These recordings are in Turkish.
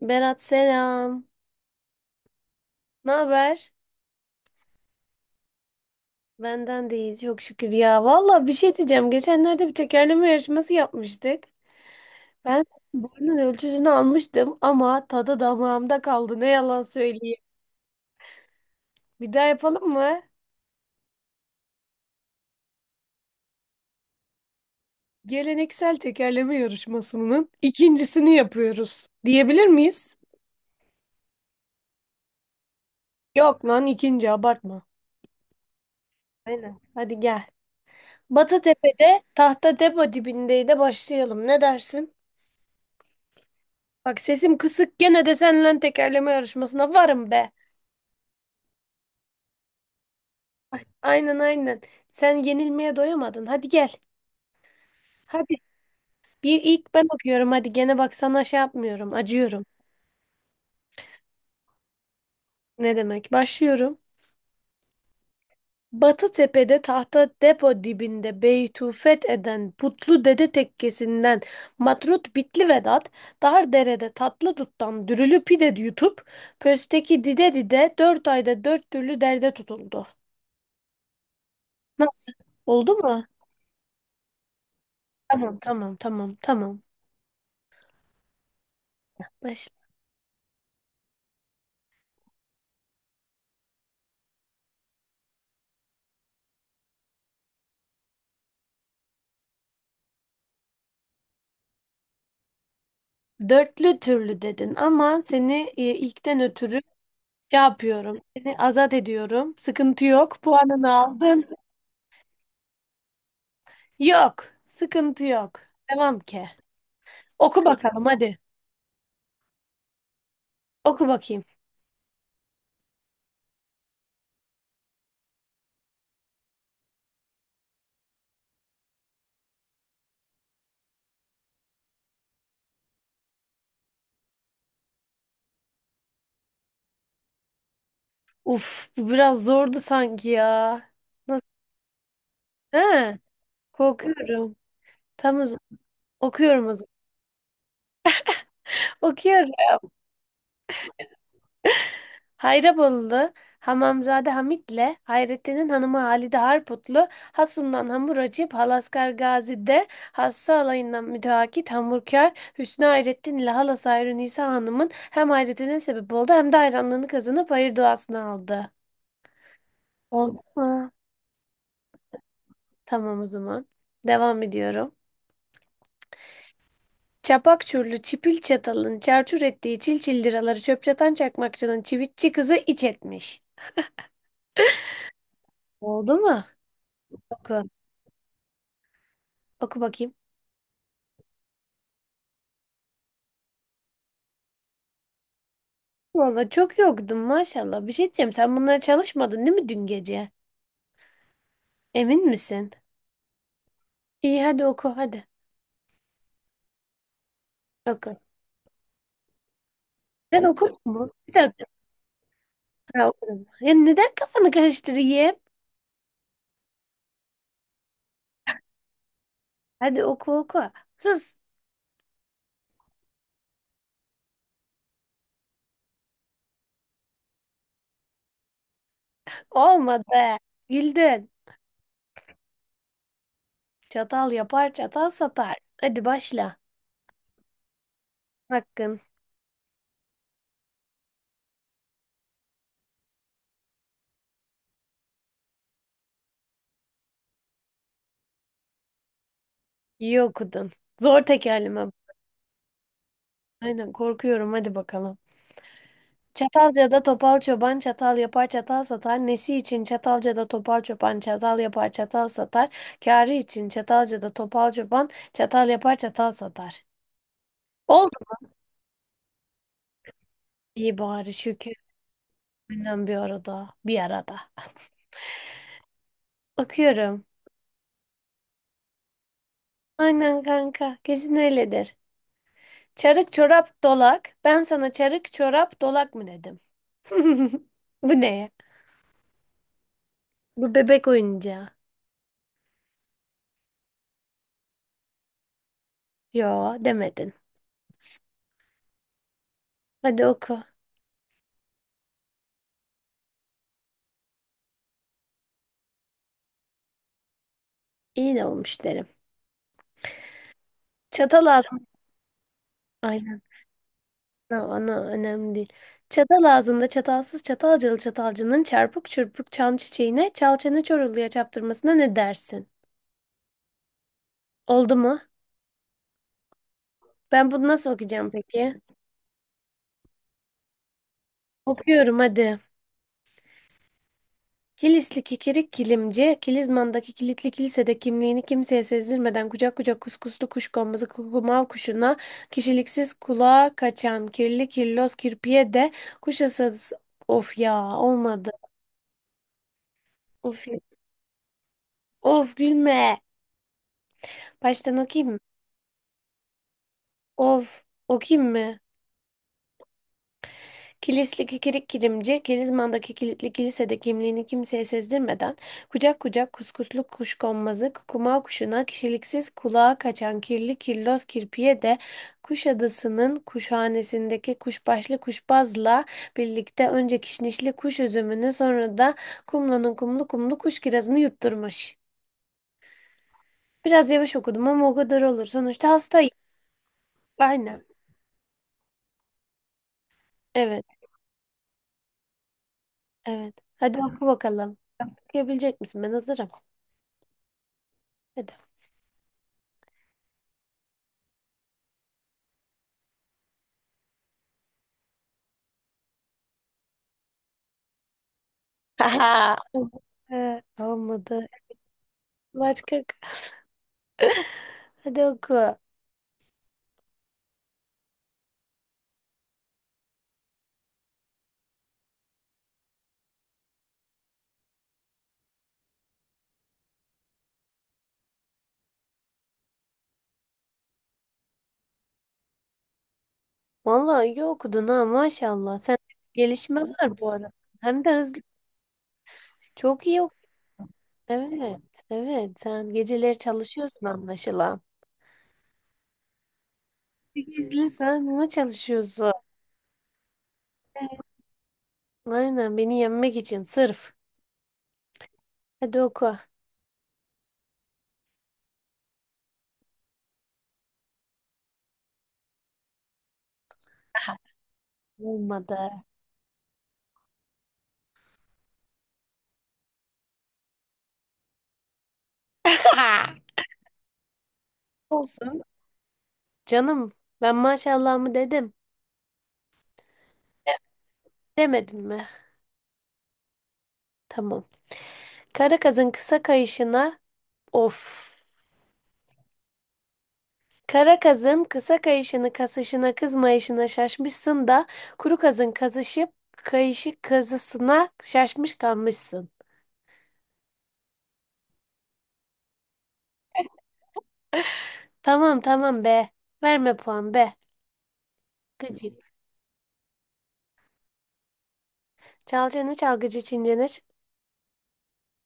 Berat selam. Ne haber? Benden de iyi çok şükür ya. Valla bir şey diyeceğim. Geçenlerde bir tekerleme yarışması yapmıştık. Ben senin boyunun ölçüsünü almıştım ama tadı damağımda kaldı. Ne yalan söyleyeyim. Bir daha yapalım mı? Geleneksel tekerleme yarışmasının ikincisini yapıyoruz. Diyebilir miyiz? Yok lan ikinci abartma. Aynen. Hadi gel. Batıtepe'de Tahta Depo dibindeydi başlayalım. Ne dersin? Bak sesim kısık gene de seninle tekerleme yarışmasına varım be. Ay, aynen aynen. Sen yenilmeye doyamadın. Hadi gel. Hadi. Bir ilk ben okuyorum. Hadi gene bak sana şey yapmıyorum. Acıyorum. Ne demek? Başlıyorum. Batı tepede tahta depo dibinde beytufet eden putlu dede tekkesinden matrut bitli Vedat dar derede tatlı duttan dürülü pide yutup pösteki dide dide dört ayda dört türlü derde tutuldu. Nasıl? Oldu mu? Tamam tamam tamam tamam. Başla. Dörtlü türlü dedin ama seni ilkten ötürü şey yapıyorum. Seni azat ediyorum. Sıkıntı yok. Puanını aldın. Yok. Sıkıntı yok. Devam ki. Oku bakalım hadi. Oku bakayım. Uf bu biraz zordu sanki ya. Nasıl? He, korkuyorum. Tamam o zaman. Okuyorum o zaman. Okuyorum. Hayrabolulu, Hamamzade Hamit'le Hayrettin'in hanımı Halide Harputlu, Hasun'dan hamur açıp Halaskar Gazi'de hassa alayından müteakit hamurkar Hüsnü Hayrettin ile halası Hayru Nisa Hanım'ın hem hayretine sebep oldu hem de hayranlığını kazanıp hayır duasını aldı. Oldu mu? Tamam o zaman. Devam ediyorum. Çapak çurlu çipil çatalın çarçur ettiği çil çil liraları çöp çatan çakmakçının çivitçi kızı iç etmiş. Oldu mu? Oku. Oku bakayım. Valla çok yoktum maşallah. Bir şey diyeceğim. Sen bunlara çalışmadın değil mi dün gece? Emin misin? İyi hadi oku hadi. Oku. Ben okudum mu? Bir dakika. Ha, okudum. Ya neden kafanı karıştırayım? Hadi oku oku. Sus. Olmadı. Güldün. Çatal yapar çatal satar. Hadi başla. Hakkın. İyi okudun. Zor tekerleme. Aynen korkuyorum. Hadi bakalım. Çatalca'da topal çoban çatal yapar çatal satar. Nesi için Çatalca'da topal çoban çatal yapar çatal satar. Kârı için Çatalca'da topal çoban çatal yapar çatal satar. Oldu mu? İyi bari şükür. Aynen bir arada. Bir arada. Bakıyorum. Aynen kanka. Kesin öyledir. Çarık çorap dolak. Ben sana çarık çorap dolak mı dedim? Bu ne ya? Bu bebek oyuncağı. Yo demedin. Hadi oku. İyi de olmuş derim. Çatal ağzı. Aynen. Ana, ana önemli değil. Çatal ağzında çatalsız çatalcılı çatalcının çarpık çırpık çan çiçeğine çal çene çoruluya çaptırmasına ne dersin? Oldu mu? Ben bunu nasıl okuyacağım peki? Okuyorum hadi. Kilisli kikirik kilimci, Kilizman'daki kilitli kilisede kimliğini kimseye sezdirmeden kucak kucak kuskuslu kuşkonmazı kukumav kuşuna, kişiliksiz kulağa kaçan kirli kirloz kirpiye de kuşasız... Of ya olmadı. Of, of gülme. Baştan okuyayım mı? Of, o kim mi? Kilisli kikirik kilimci, Kilizman'daki kilitli kilisede kimliğini kimseye sezdirmeden, kucak kucak kuskuslu kuşkonmazı, kukuma kuşuna, kişiliksiz kulağa kaçan kirli kirloz kirpiye de Kuşadası'nın kuşhanesindeki kuşbaşlı kuşbazla birlikte önce kişnişli kuş üzümünü sonra da kumlanın kumlu kumlu kuş kirazını yutturmuş. Biraz yavaş okudum ama o kadar olur. Sonuçta hastayım. Aynen. Evet, evet. Hadi oku bakalım. Okuyabilecek misin? Ben hazırım. Hadi. Haha. Olmadı. Başka. Hadi oku. Vallahi iyi okudun ha maşallah. Sen gelişme var bu arada. Hem de hızlı. Çok iyi okudun. Evet. Evet. Sen geceleri çalışıyorsun anlaşılan. Bir Gizli sen buna çalışıyorsun. Evet. Aynen beni yenmek için sırf. Hadi oku. Olmadı. Olsun. Canım ben maşallah mı dedim. Demedim mi? Tamam. Kara kızın kısa kayışına. Of. Kara kazın kısa kayışını kasışına kızmayışına şaşmışsın da kuru kazın kazışıp kayışı kazısına şaşmış kalmışsın. Tamam tamam be. Verme puan be. Gıcık. Çal çene çalgıcı çingene ç-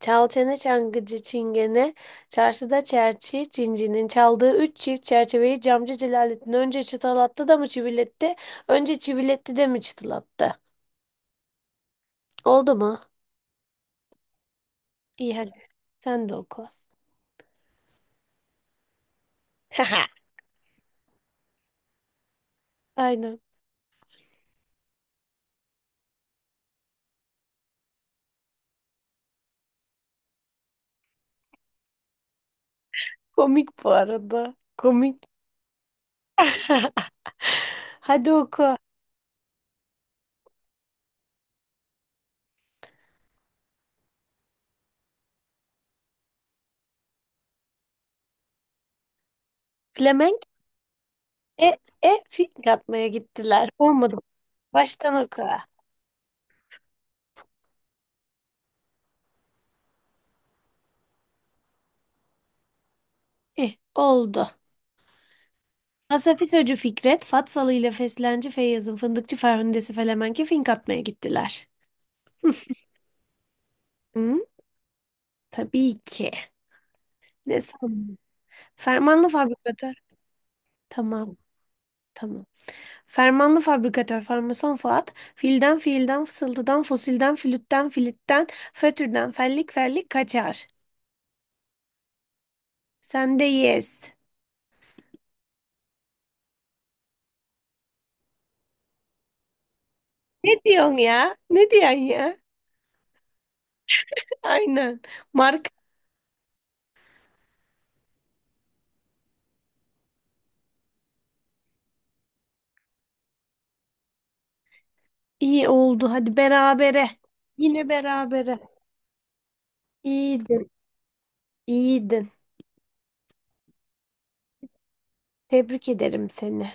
Çal çene çalgıcı çingene çarşıda çerçi cincinin çaldığı üç çift çerçeveyi camcı Celalettin önce çıtalattı da mı çiviletti? Önce çiviletti de mi çıtalattı? Oldu mu? İyi hadi sen de oku. Aynen. Komik bu arada. Komik. Hadi oku. Flemenk e, fil atmaya gittiler. Olmadı. Baştan oku. Eh, oldu. Hasafisocu Fikret, Fatsalı ile Feslenci Feyyaz'ın fındıkçı Ferhundesi Felemenk'e fink atmaya gittiler. Hı? Tabii ki. Ne sandın? Fermanlı fabrikatör. Tamam. Tamam. Fermanlı fabrikatör farmason Fuat, filden fiilden fısıltıdan fosilden flütten filitten fötürden fellik fellik kaçar. Sen de yes. Ne diyorsun ya? Ne diyorsun ya? Aynen. Mark iyi oldu. Hadi berabere. Yine berabere. İyiydin. İyiydin. Tebrik ederim seni.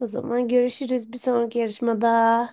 O zaman görüşürüz bir sonraki yarışmada.